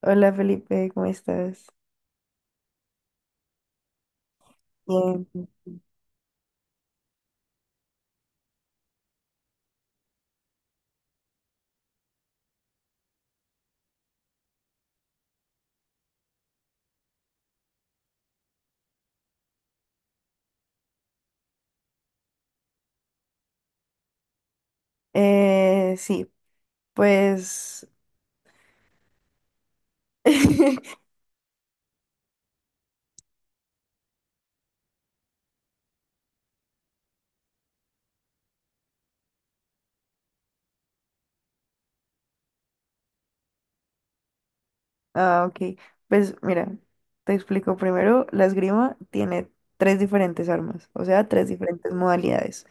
Hola Felipe, ¿cómo estás? Bien. Sí, pues. Ah, ok. Pues mira, te explico primero. La esgrima tiene tres diferentes armas, o sea, tres diferentes modalidades.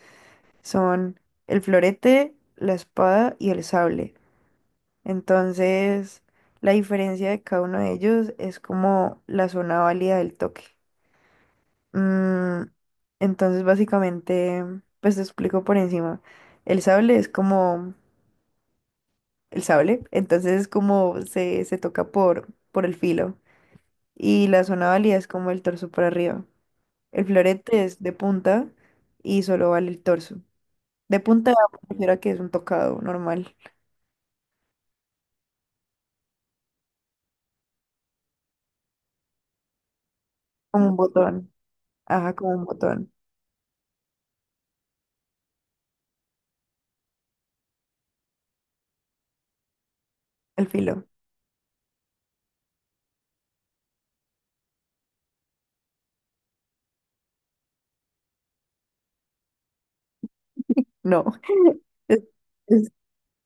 Son el florete, la espada y el sable. Entonces, la diferencia de cada uno de ellos es como la zona válida del toque. Mm, entonces, básicamente, pues te explico por encima. El sable es como el sable. Entonces es como se toca por el filo. Y la zona válida es como el torso para arriba. El florete es de punta y solo vale el torso. De punta me refiero a que es un tocado normal, como un botón. Ajá, como un botón. El filo. No. Es, es-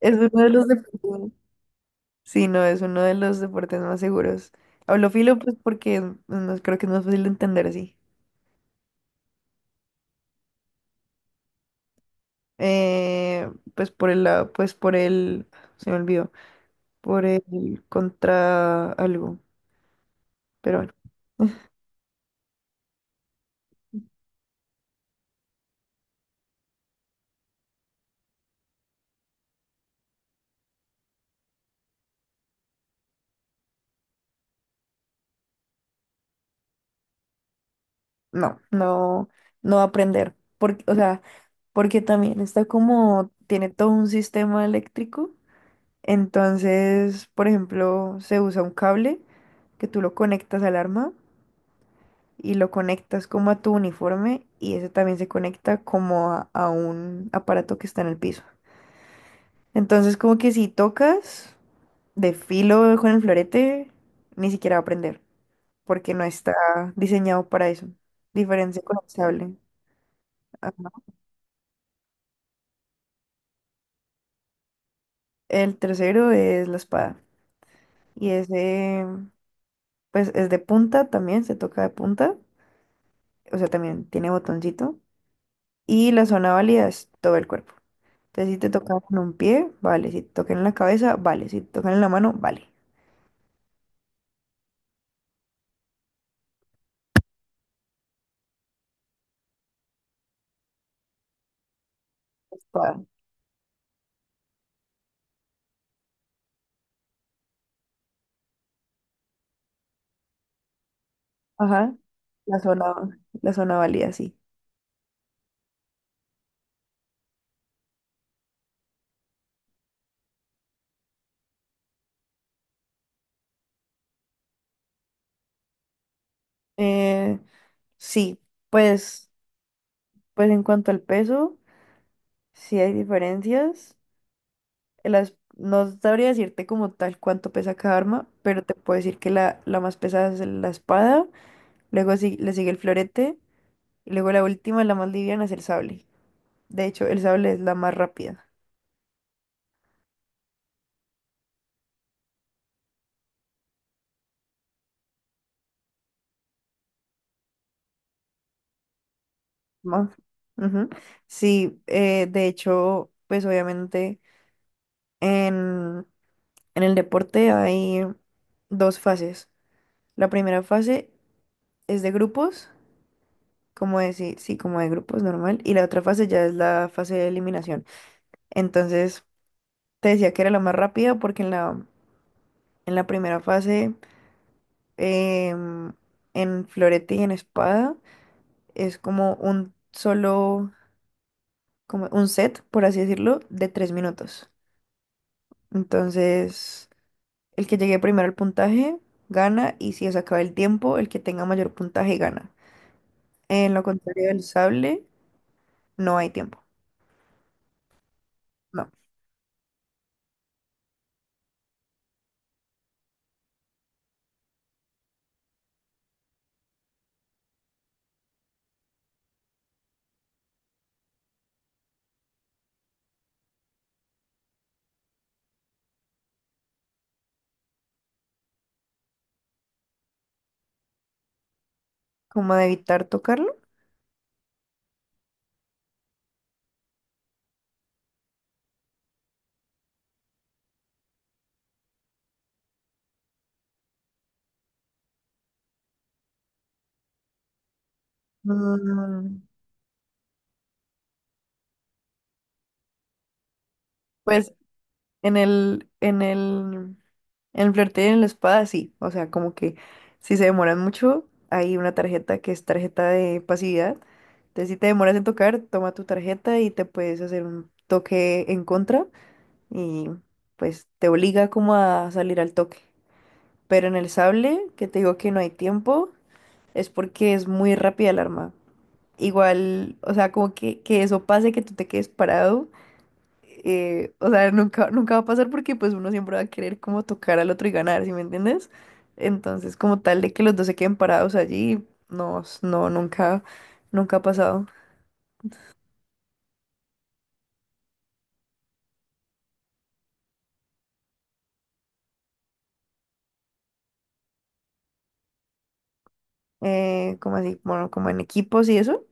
es uno de los deportes. Sí, no, es uno de los deportes más seguros. Hablo filo, pues porque no, no, creo que es más fácil de entender así. Pues por el lado, pues por el. Se me olvidó. Por el contra algo, pero bueno, no, no, no va a aprender, porque, o sea, porque también está como, tiene todo un sistema eléctrico. Entonces, por ejemplo, se usa un cable que tú lo conectas al arma y lo conectas como a tu uniforme y ese también se conecta como a un aparato que está en el piso. Entonces, como que si tocas de filo con el florete, ni siquiera va a prender, porque no está diseñado para eso. Diferencia con el sable. Ajá. El tercero es la espada. Y ese, pues es de punta también, se toca de punta. O sea, también tiene botoncito. Y la zona válida es todo el cuerpo. Entonces, si te toca en un pie, vale. Si te toca en la cabeza, vale. Si te toca en la mano, vale. Espada. Ajá. La zona, la zona válida, sí. Eh, sí, pues, pues en cuanto al peso, sí hay diferencias. No sabría decirte como tal cuánto pesa cada arma, pero te puedo decir que la más pesada es la espada, luego le sigue el florete, y luego la última, la más liviana, es el sable. De hecho, el sable es la más rápida. Más. Ujú. Sí, de hecho, pues obviamente en, en el deporte hay dos fases. La primera fase es de grupos, como decir, sí, sí, como de grupos normal, y la otra fase ya es la fase de eliminación. Entonces. Te decía que era la más rápida porque en la primera fase, em, en florete y en espada, es como un solo, como un set, por así decirlo, de 3 minutos. Entonces, el que llegue primero al puntaje gana y si se acaba el tiempo, el que tenga mayor puntaje gana. En lo contrario del sable, no hay tiempo. No. ¿Como de evitar tocarlo? Mm, Pues En el, en el, en el flirteo y en la espada, sí. O sea, como que si se demoran mucho, hay una tarjeta que es tarjeta de pasividad. Entonces, si te demoras en tocar, toma tu tarjeta y te puedes hacer un toque en contra y pues te obliga como a salir al toque. Pero en el sable, que te digo que no hay tiempo, es porque es muy rápida el arma. Igual, o sea, como que eso pase, que tú te quedes parado, o sea, nunca, nunca va a pasar porque pues uno siempre va a querer como tocar al otro y ganar, ¿sí me entiendes? Entonces, como tal de que los dos se queden parados allí, no, nunca, nunca ha pasado. Como así, bueno, como en equipos y eso.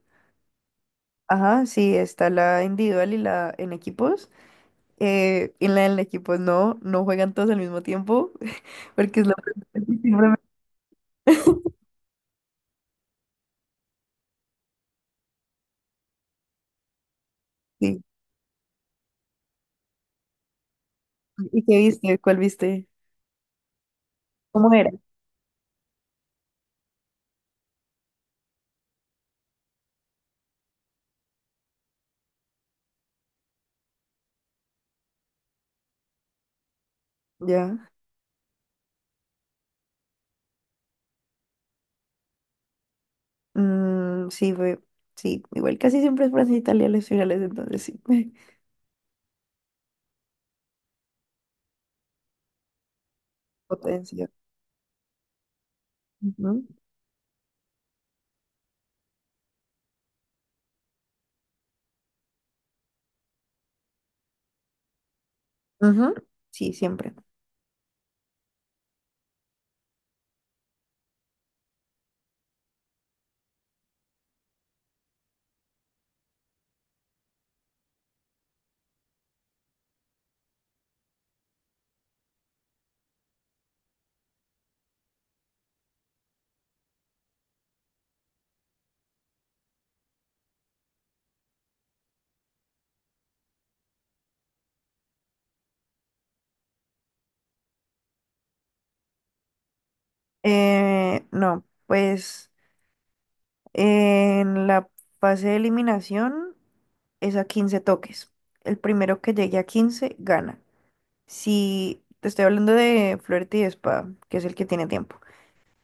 Ajá, sí, está la individual y la en equipos. Y en la en equipos no, no juegan todos al mismo tiempo, porque es la pregunta sí. ¿Y qué viste? ¿Cuál viste? ¿Cómo era? Ya. Mm, sí, fue, sí, igual casi siempre es Francia e Italia las finales, entonces sí. Potencia. Ujú. Ujú. Sí, siempre. No, pues en la fase de eliminación es a 15 toques. El primero que llegue a 15 gana. Si te estoy hablando de florete y espada, que es el que tiene tiempo.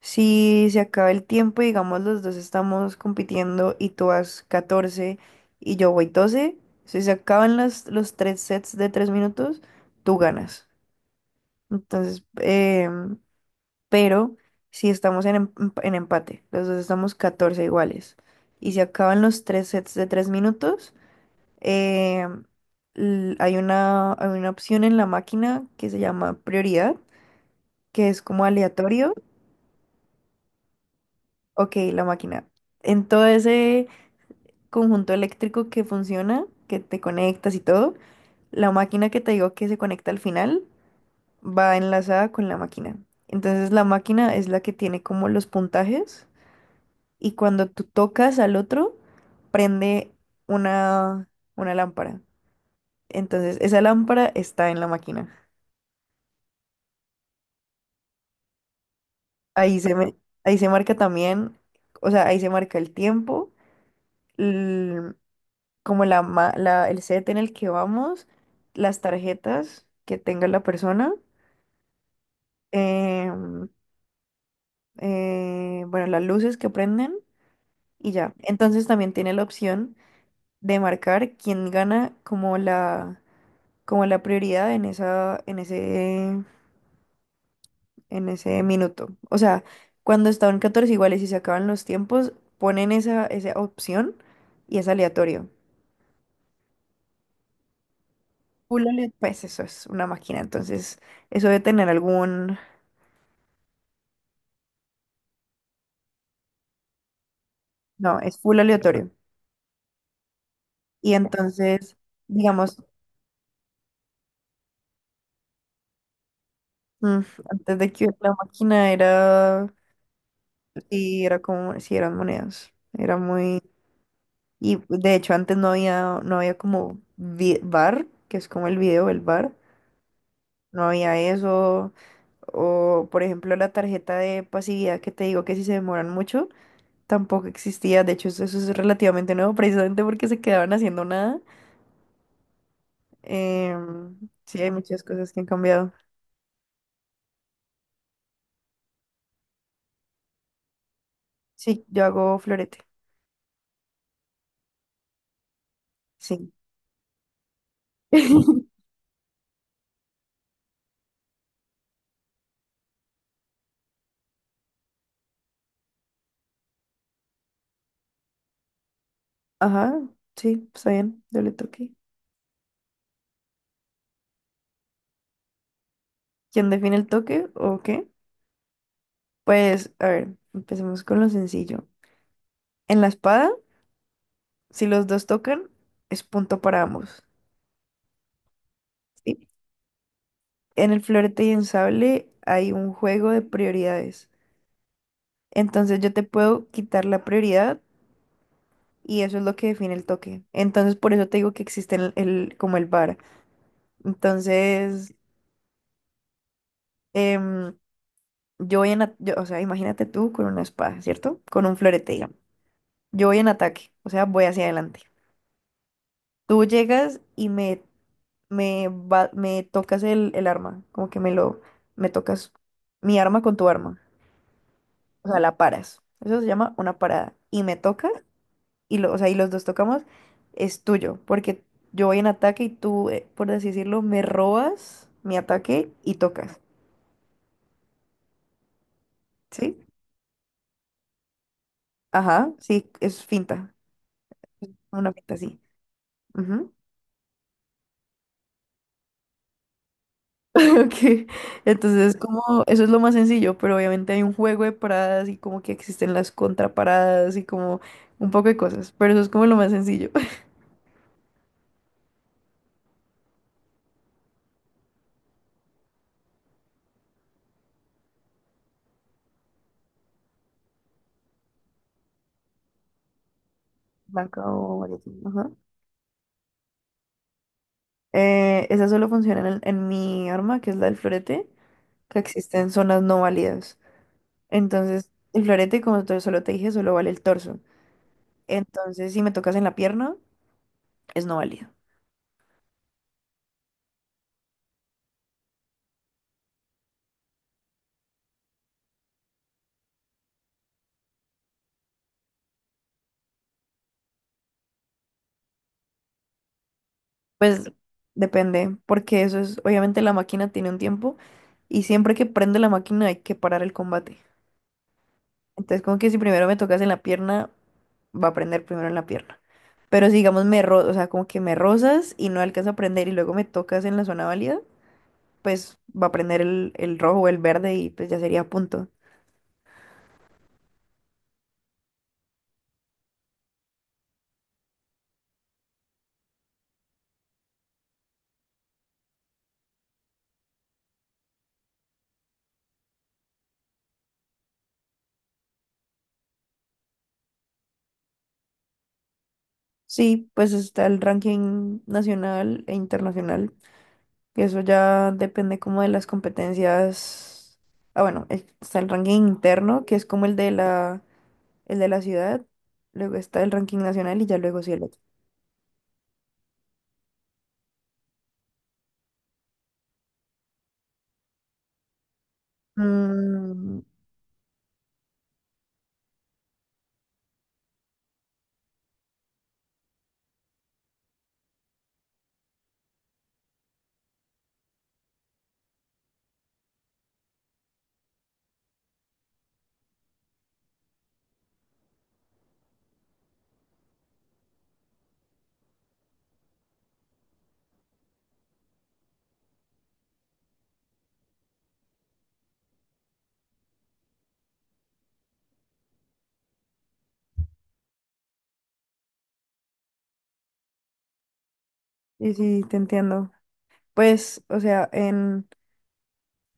Si se acaba el tiempo y digamos los dos estamos compitiendo y tú vas 14 y yo voy 12, si se acaban los tres sets de 3 minutos, tú ganas. Entonces, pero si estamos en empate, los dos estamos 14 iguales y se acaban los tres sets de 3 minutos, em, hay una opción en la máquina que se llama prioridad, que es como aleatorio. Ok, la máquina. Entonces conjunto eléctrico que funciona, que te conectas y todo, la máquina que te digo que se conecta al final va enlazada con la máquina. Entonces la máquina es la que tiene como los puntajes y cuando tú tocas al otro, prende una, una lámpara. Entonces esa lámpara está en la máquina. Ahí se, me- ahí se marca también, o sea, ahí se marca el tiempo, el- como la, ma- la, el set en el que vamos, las tarjetas que tenga la persona, em, bueno, las luces que prenden y ya. Entonces también tiene la opción de marcar quién gana como como la prioridad en ese minuto. O sea, cuando están 14 iguales y se acaban los tiempos, ponen esa opción y es aleatorio. Full aleatorio. Pues eso es una máquina, entonces eso debe tener algún. No, es full aleatorio. Y entonces, digamos, mm, antes de que la máquina era. Sí, era como, sí, eran monedas. Era muy. Y de hecho antes no había como bar, que es como el video, el bar. No había eso. O, por ejemplo, la tarjeta de pasividad que te digo que si se demoran mucho, tampoco existía. De hecho, eso es relativamente nuevo, precisamente porque se quedaban haciendo nada. Em, sí, hay muchas cosas que han cambiado. Sí, yo hago florete. Sí. Ajá, sí, está bien. Yo le toqué. ¿Quién define el toque o qué? Pues, a ver, empecemos con lo sencillo. En la espada, si los dos tocan, es punto para ambos. ¿Sí? En el florete y en sable hay un juego de prioridades. Entonces yo te puedo quitar la prioridad y eso es lo que define el toque. Entonces por eso te digo que existe el- como el VAR. Entonces, em, yo voy en, a- yo- o sea, imagínate tú con una espada, ¿cierto? Con un florete, digamos. Yo voy en ataque, o sea, voy hacia adelante. Tú llegas y me me tocas el arma, como que me lo, me tocas mi arma con tu arma, o sea, la paras. Eso se llama una parada. Y me toca, o sea, y los dos tocamos, es tuyo, porque yo voy en ataque y tú, por así decirlo, me robas mi ataque y tocas, ¿sí? Ajá, sí, es finta, una finta, sí. Ok, entonces como eso es lo más sencillo, pero obviamente hay un juego de paradas y como que existen las contraparadas y como un poco de cosas, pero eso es como lo más sencillo. Blanca o variación, ajá. Esa solo funciona en, el en mi arma, que es la del florete, que existen zonas no válidas. Entonces, el florete, como solo te dije, solo vale el torso. Entonces, si me tocas en la pierna, es no válido. Pues depende, porque eso es, obviamente la máquina tiene un tiempo y siempre que prende la máquina hay que parar el combate. Entonces como que si primero me tocas en la pierna, va a prender primero en la pierna. Pero si digamos o sea, como que me rozas y no alcanza a prender y luego me tocas en la zona válida, pues va a prender el rojo o el verde y pues ya sería punto. Sí, pues está el ranking nacional e internacional. Eso ya depende como de las competencias. Ah, bueno, está el ranking interno, que es como el de la ciudad. Luego está el ranking nacional y ya luego sí el otro. Mm, y sí, te entiendo. Pues, o sea,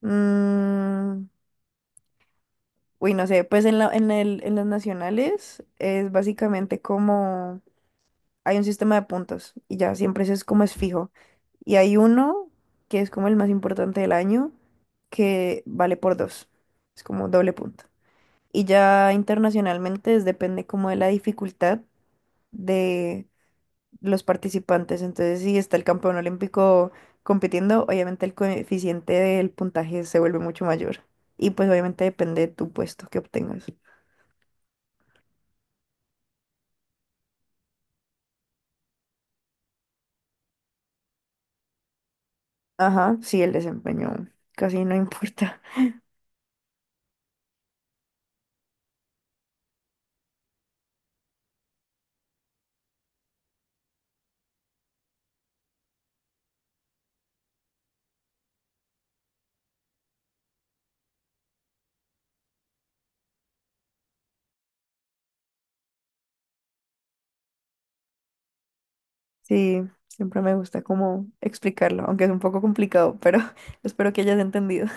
mm, uy, no sé, pues en la, en el, en los nacionales es básicamente como. Hay un sistema de puntos y ya siempre eso es como es fijo. Y hay uno que es como el más importante del año, que vale por dos. Es como doble punto. Y ya internacionalmente depende como de la dificultad de los participantes. Entonces, si está el campeón olímpico compitiendo, obviamente el coeficiente del puntaje se vuelve mucho mayor. Y pues obviamente depende de tu puesto que obtengas. Ajá, sí, el desempeño casi no importa. Sí, siempre me gusta como explicarlo, aunque es un poco complicado, pero espero que hayas entendido.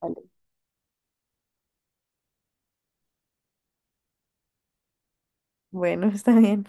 Vale. Bueno, está bien.